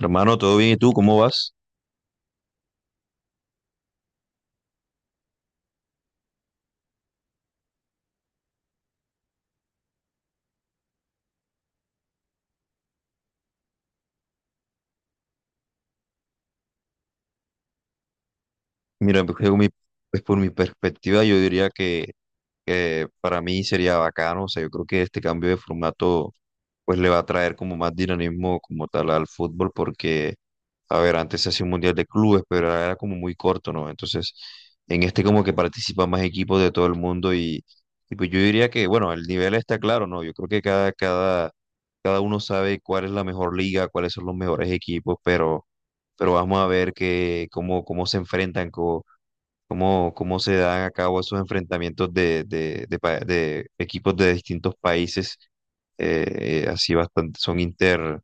Hermano, ¿todo bien? ¿Y tú cómo vas? Mira, pues, por mi perspectiva, yo diría que para mí sería bacano, o sea, yo creo que este cambio de formato pues le va a traer como más dinamismo como tal al fútbol porque, a ver, antes se hacía un mundial de clubes, pero era como muy corto, ¿no? Entonces, en este como que participan más equipos de todo el mundo y pues yo diría que, bueno, el nivel está claro, ¿no? Yo creo que cada uno sabe cuál es la mejor liga, cuáles son los mejores equipos, pero vamos a ver que, cómo se enfrentan cómo se dan a cabo esos enfrentamientos de equipos de distintos países, así bastante,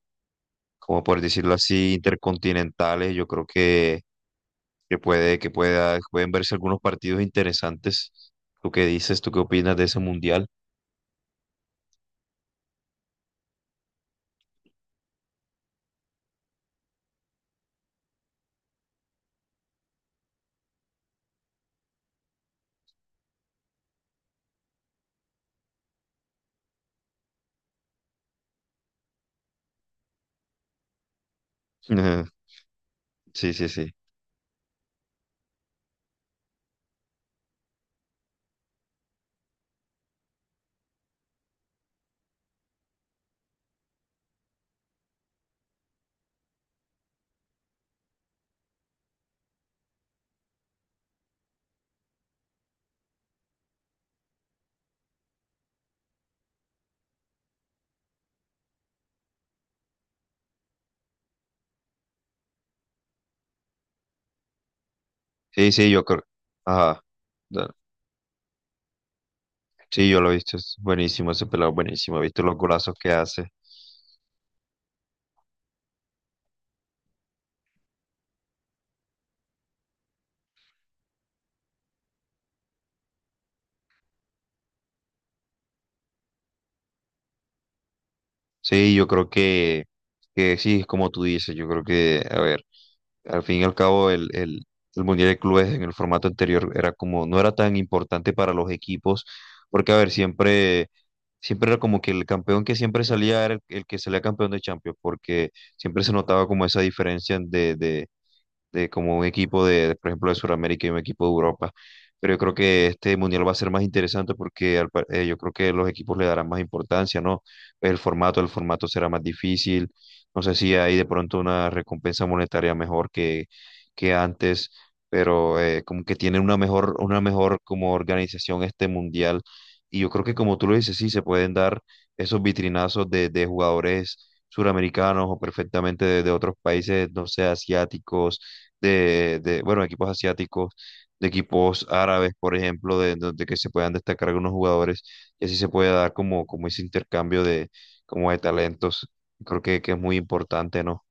como por decirlo así, intercontinentales, yo creo que pueden verse algunos partidos interesantes. ¿Tú qué dices? ¿Tú qué opinas de ese mundial? Ujú. Sí, sí, sí. Sí, sí, yo creo. Ajá. Da- Sí, yo lo he visto. Es buenísimo ese pelado, buenísimo. He visto los golazos que hace. Sí, yo creo que sí, es como tú dices, yo creo que, a ver, al fin y al cabo el Mundial de Clubes en el formato anterior era como, no era tan importante para los equipos, porque a ver, siempre era como que el campeón que siempre salía era el que salía campeón de Champions, porque siempre se notaba como esa diferencia de como un equipo de, por ejemplo, de Sudamérica y un equipo de Europa. Pero yo creo que este mundial va a ser más interesante porque yo creo que los equipos le darán más importancia, ¿no? Pues el formato, el formato será más difícil. No sé si hay de pronto una recompensa monetaria mejor que antes, pero como que tiene una mejor como organización este mundial. Y yo creo que como tú lo dices, sí, se pueden dar esos vitrinazos de jugadores suramericanos o perfectamente de otros países, no sé, asiáticos de, bueno, equipos asiáticos, de equipos árabes, por ejemplo, de, donde que se puedan destacar algunos jugadores y así se puede dar como, como ese intercambio de, como de talentos. Creo que es muy importante, ¿no?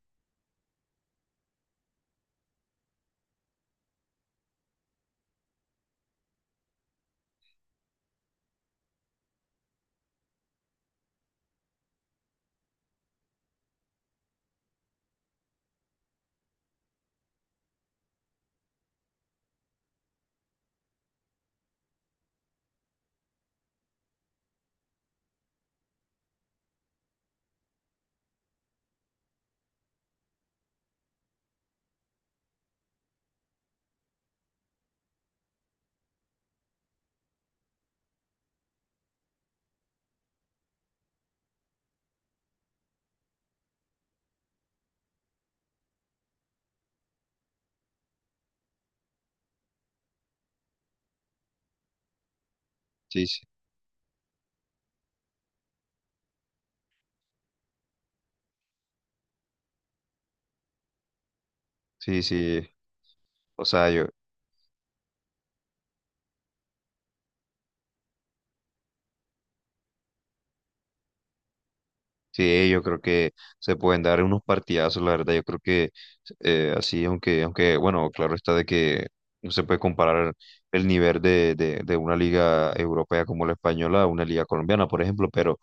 Sí, sí, sí, sí. O sea, yo, sí, yo creo que se pueden dar unos partidazos, la verdad, yo creo que así, aunque, bueno, claro está de que no se puede comparar el nivel de una liga europea como la española a una liga colombiana, por ejemplo, pero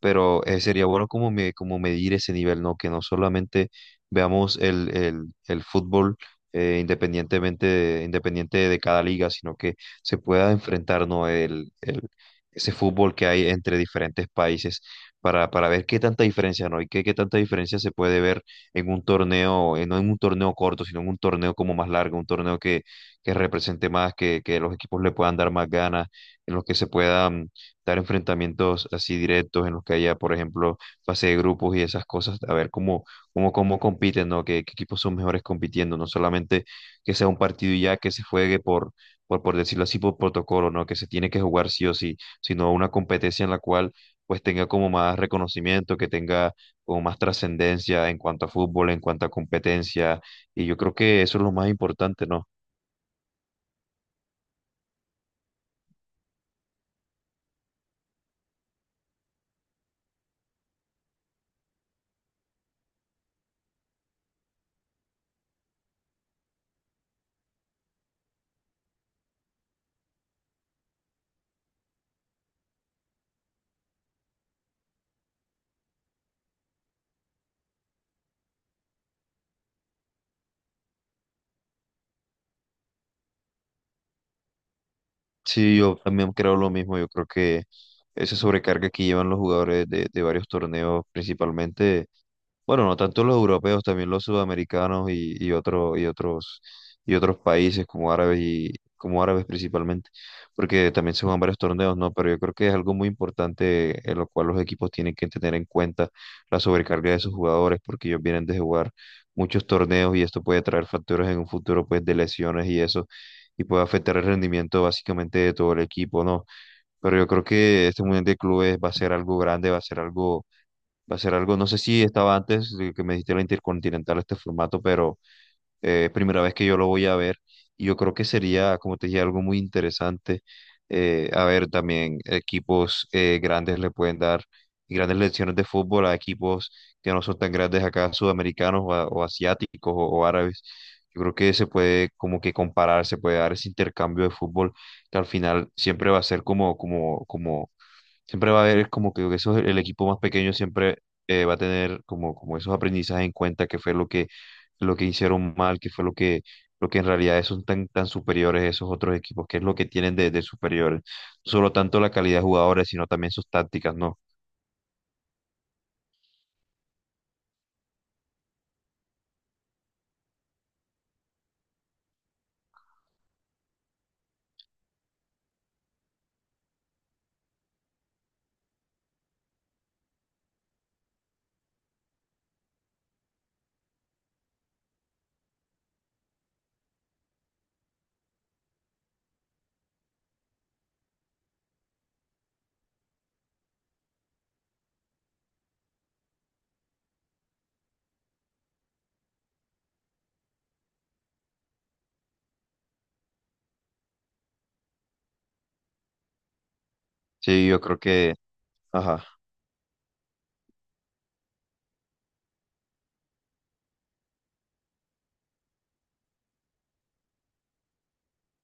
pero sería bueno como, me, como medir ese nivel, ¿no? Que no solamente veamos el fútbol independientemente de, independiente de cada liga, sino que se pueda enfrentar, ¿no? Ese fútbol que hay entre diferentes países para ver qué tanta diferencia, ¿no? Y qué tanta diferencia se puede ver en un torneo, no en un torneo corto, sino en un torneo como más largo, un torneo que represente más, que los equipos le puedan dar más ganas, en los que se puedan dar enfrentamientos así directos en los que haya, por ejemplo, fase de grupos y esas cosas, a ver cómo compiten, ¿no? Qué equipos son mejores compitiendo? No solamente que sea un partido y ya que se juegue por decirlo así, por protocolo, ¿no? Que se tiene que jugar sí o sí, sino una competencia en la cual pues tenga como más reconocimiento, que tenga como más trascendencia en cuanto a fútbol, en cuanto a competencia, y yo creo que eso es lo más importante, ¿no? Sí, yo también creo lo mismo. Yo creo que esa sobrecarga que llevan los jugadores de varios torneos, principalmente, bueno, no tanto los europeos, también los sudamericanos y otros países como árabes y como árabes principalmente, porque también se juegan varios torneos, ¿no? Pero yo creo que es algo muy importante en lo cual los equipos tienen que tener en cuenta la sobrecarga de sus jugadores, porque ellos vienen de jugar muchos torneos y esto puede traer factores en un futuro, pues, de lesiones y eso y puede afectar el rendimiento básicamente de todo el equipo, ¿no? Pero yo creo que este Mundial de Clubes va a ser algo grande, va a ser algo, va a ser algo, no sé si estaba antes de que me dijiste la Intercontinental este formato, pero primera vez que yo lo voy a ver. Y yo creo que sería, como te dije, algo muy interesante. A ver, también equipos grandes le pueden dar grandes lecciones de fútbol a equipos que no son tan grandes acá, sudamericanos o asiáticos o árabes. Yo creo que se puede como que comparar, se puede dar ese intercambio de fútbol que al final siempre va a ser siempre va a haber como que eso, el equipo más pequeño siempre va a tener como, como esos aprendizajes en cuenta que fue lo que hicieron mal, que fue lo que en realidad son tan, tan superiores a esos otros equipos, que es lo que tienen de superiores. No solo tanto la calidad de jugadores, sino también sus tácticas, ¿no? Sí, yo creo que, ajá.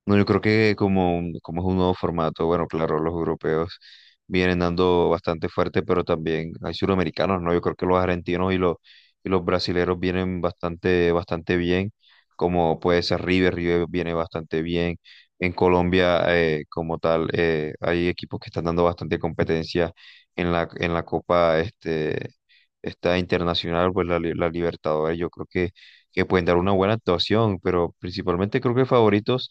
No, yo creo que como, como es un nuevo formato, bueno, claro, los europeos vienen dando bastante fuerte, pero también hay suramericanos, ¿no? Yo creo que los argentinos y los brasileros vienen bastante, bastante bien, como puede ser River, River viene bastante bien. En Colombia, como tal, hay equipos que están dando bastante competencia en la Copa este, esta internacional, pues la Libertadores, yo creo que pueden dar una buena actuación, pero principalmente creo que favoritos.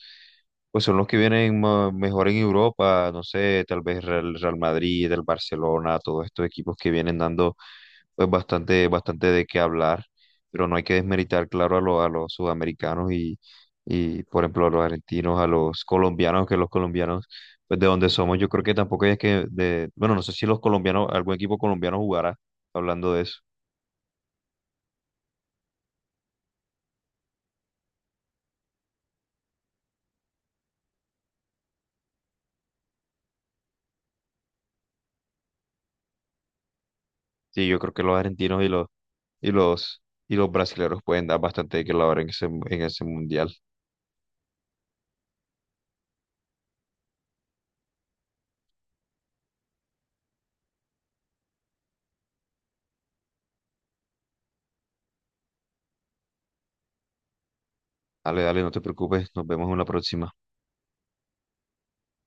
Pues son los que vienen mejor en Europa, no sé, tal vez Real Madrid, el Barcelona, todos estos equipos que vienen dando pues bastante, bastante de qué hablar, pero no hay que desmeritar, claro, a los sudamericanos y, por ejemplo, a los argentinos, a los colombianos, pues de donde somos, yo creo que tampoco es que, de, bueno, no sé si los colombianos, algún equipo colombiano jugará hablando de eso. Sí, yo creo que los argentinos y los, y los brasileños pueden dar bastante de qué hablar en ese mundial. Dale, dale, no te preocupes, nos vemos en la próxima.